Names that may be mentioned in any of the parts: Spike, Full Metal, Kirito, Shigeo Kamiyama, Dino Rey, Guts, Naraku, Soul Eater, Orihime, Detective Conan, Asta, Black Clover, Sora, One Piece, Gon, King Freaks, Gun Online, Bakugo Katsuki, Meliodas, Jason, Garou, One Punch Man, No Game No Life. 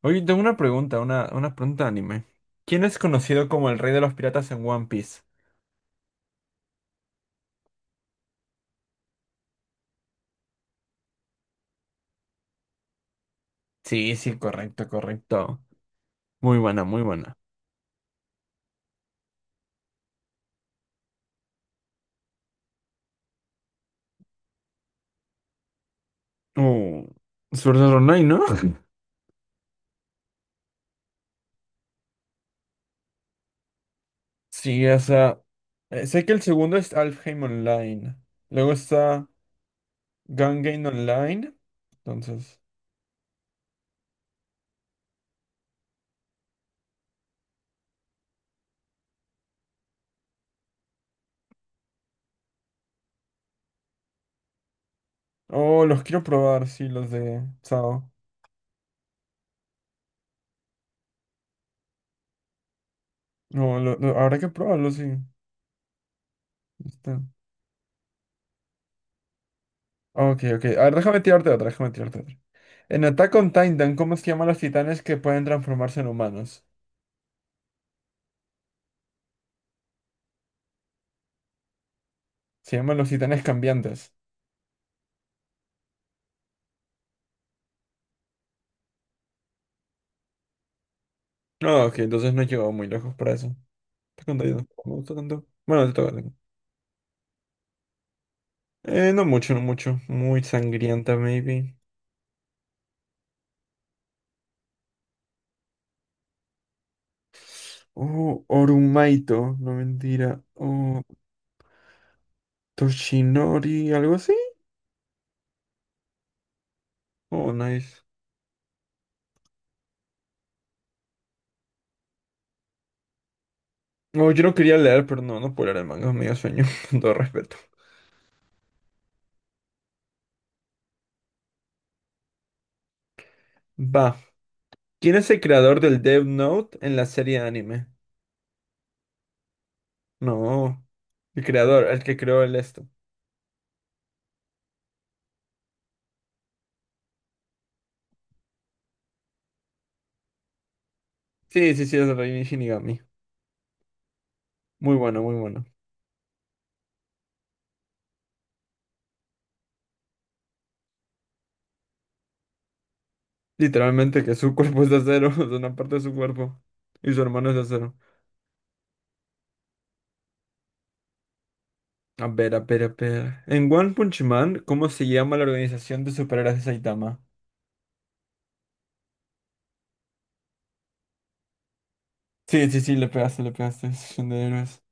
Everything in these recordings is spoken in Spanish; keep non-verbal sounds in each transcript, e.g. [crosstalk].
Oye, tengo una pregunta, una pregunta de anime. ¿Quién es conocido como el rey de los piratas en One Piece? Sí, sí, correcto, correcto. Muy buena, muy buena. Uh, Sword Art Online, ¿no? [laughs] Sí, o sea, sé que el segundo es Alfheim Online. Luego está Gun Online. Entonces, oh, los quiero probar, sí, los de Sao. No, habrá que probarlos, sí. Está. Ok, ok. A ver, déjame tirarte otra, déjame tirarte otra. En Attack on Titan, ¿cómo se llaman los titanes que pueden transformarse en humanos? Se llaman los titanes cambiantes. No, ok, entonces no he llegado muy lejos para eso. Attack on Titan, no me gusta tanto. Bueno, te toca. No mucho, no mucho. Muy sangrienta, maybe. Oh, Orumaito, no mentira. Oh, Toshinori, algo así. Oh, nice. No, yo no quería leer, pero no, no puedo leer el manga, me dio sueño, [laughs] con todo respeto. Va. ¿Quién es el creador del Death Note en la serie anime? No. El creador, el que creó el esto. Sí, sí, sí, es Reini Shinigami. Muy bueno, muy bueno. Literalmente que su [laughs] cuerpo es de acero, [laughs] o una parte de su cuerpo. Y su hermano es de acero. A ver, a ver, a ver. En One Punch Man, ¿cómo se llama la organización de superhéroes de Saitama? Sí, sí, sí, le pegaste, le pegaste. Asociación de héroes.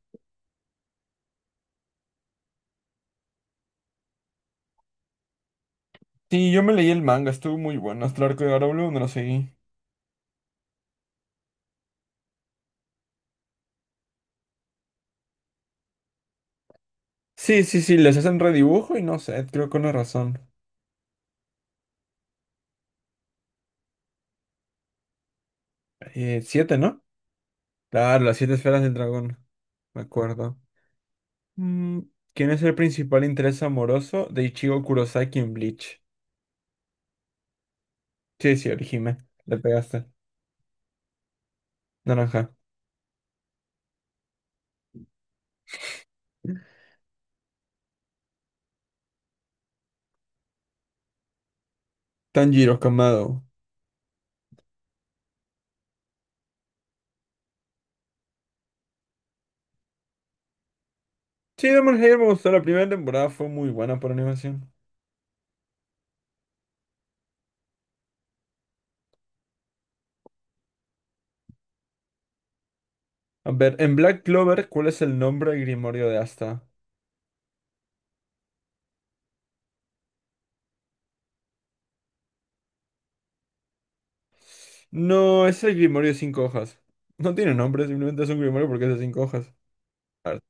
Sí, yo me leí el manga, estuvo muy bueno. Hasta el arco de Garou no lo seguí. Sí, sí, sí, les hacen redibujo y no sé, creo que con una razón. 7, ¿no? Claro, las 7 esferas del dragón. Me acuerdo. Mm, ¿Quién es el principal interés amoroso de Ichigo Kurosaki en Bleach? Sí, sí, Orihime. Le pegaste. Naranja. Tanjiro Kamado. Sí, Demon Slayer me gustó. La primera temporada fue muy buena por animación. A ver, en Black Clover, ¿cuál es el nombre del Grimorio de Asta? No, es el Grimorio de cinco hojas. No tiene nombre, simplemente es un Grimorio porque es de cinco hojas. A ver,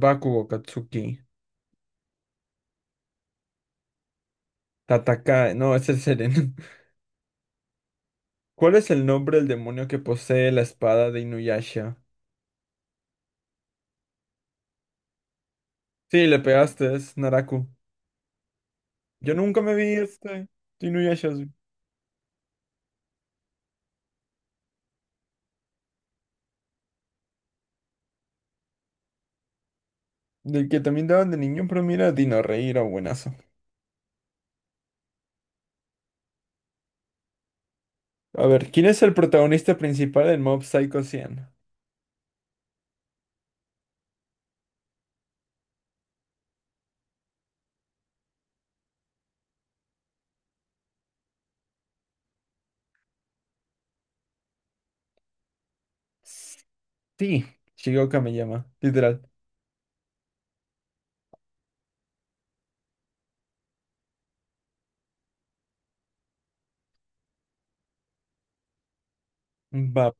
Bakugo Katsuki. Tatakae. No, ese es el Seren. ¿Cuál es el nombre del demonio que posee la espada de Inuyasha? Sí, le pegaste, es Naraku. Yo nunca me vi este de Inuyasha, sí. Del que también daban de niño, pero mira, Dino Rey era buenazo. A ver, ¿quién es el protagonista principal del Mob Psycho 100? Sí, Shigeo Kamiyama, literal. Va.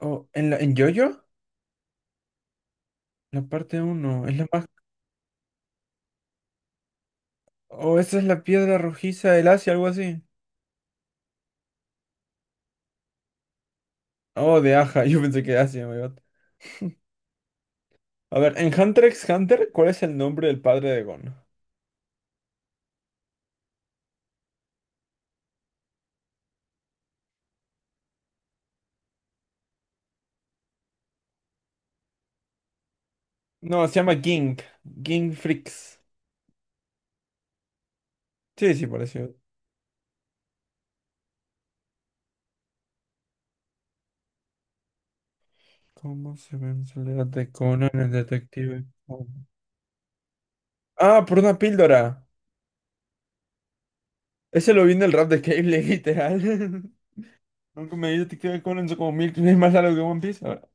Oh, ¿en la, en JoJo? La parte uno, es la más... Oh, esa es la piedra rojiza del Asia, algo así. Oh, de Aja, [laughs] yo pensé que Asia, my God. A ver, en Hunter x Hunter, ¿cuál es el nombre del padre de Gon? No, se llama King. King Freaks. Sí, sí, pareció. ¿Cómo se ve en soledad de Conan el detective? Oh. Ah, por una píldora. Ese lo vi en el rap de Cable, literal. [laughs] Nunca me vi detective Conan, son como mil veces más largo que One Piece. Ahora,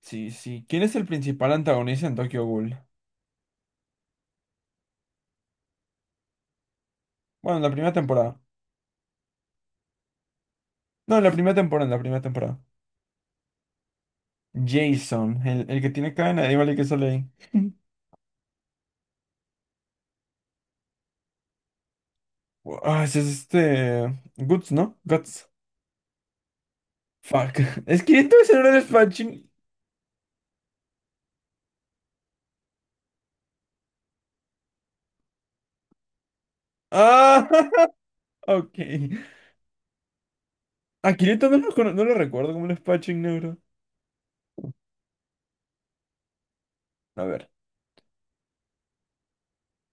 sí, sí. ¿Quién es el principal antagonista en Tokyo Ghoul? Bueno, en la primera temporada. No, en la primera temporada, en la primera temporada. Jason, el que tiene cadena, igual el que sale ahí. [laughs] Ah, ese es este. Guts, ¿no? Guts. Fuck. [laughs] Es que esto es el espadachín. Ah, [laughs] ok. A Kirito no lo, no lo recuerdo como un Spatching Neuro. A ver.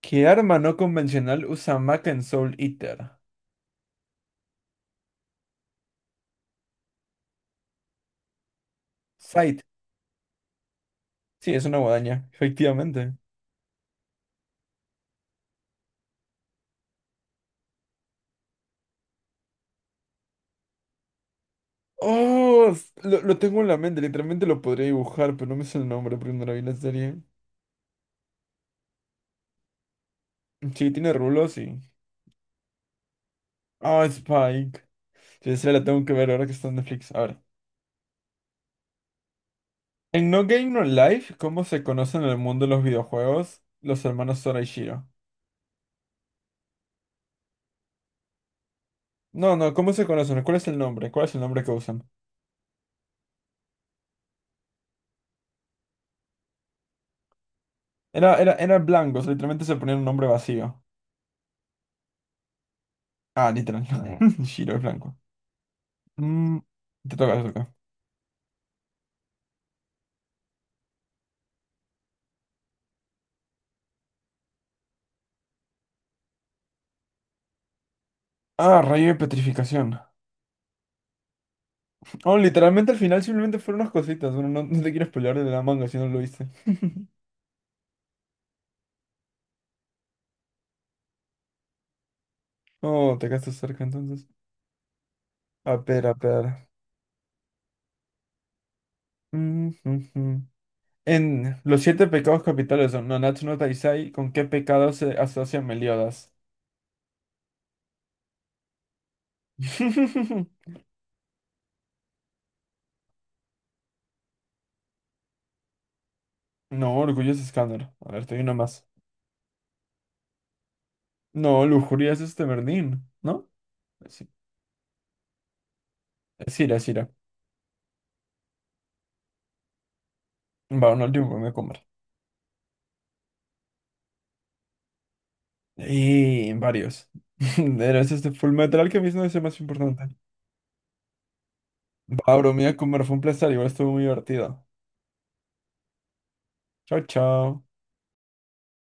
¿Qué arma no convencional usa Maka en Soul Eater? Sight. Sí, es una guadaña, efectivamente. Oh, lo tengo en la mente, literalmente lo podría dibujar, pero no me sé el nombre porque no la vi la serie. Sí, tiene rulos y... Oh, Spike. Sí, esa la tengo que ver ahora que está en Netflix. A ver. En No Game No Life, ¿cómo se conocen en el mundo de los videojuegos los hermanos Sora y Shiro? No, no, ¿cómo se conocen? ¿Cuál es el nombre? ¿Cuál es el nombre que usan? Era blancos, literalmente se ponían un nombre vacío. Ah, literal. [laughs] Shiro es blanco. Mm, te toca, te toca. Ah, rayo de petrificación. Oh, literalmente al final simplemente fueron unas cositas. Bueno, no, no te quiero spoilear de la manga si no lo viste. Oh, te quedaste cerca entonces. A ver, a ver. Mm, mm, mm. En los 7 pecados capitales de Nanatsu no Taizai, ¿con qué pecado se asocia Meliodas? [laughs] No, orgulloso escáner. A ver, te doy una más. No, lujuria es este Berlín, ¿no? Sí. Es ira, es ira. Va, un último que me voy a comer. Y varios. [laughs] Era ese este Full Metal que mismo es el más importante. Va, bro, me voy a comer. Fue un placer, igual estuvo muy divertido. Chao, chao.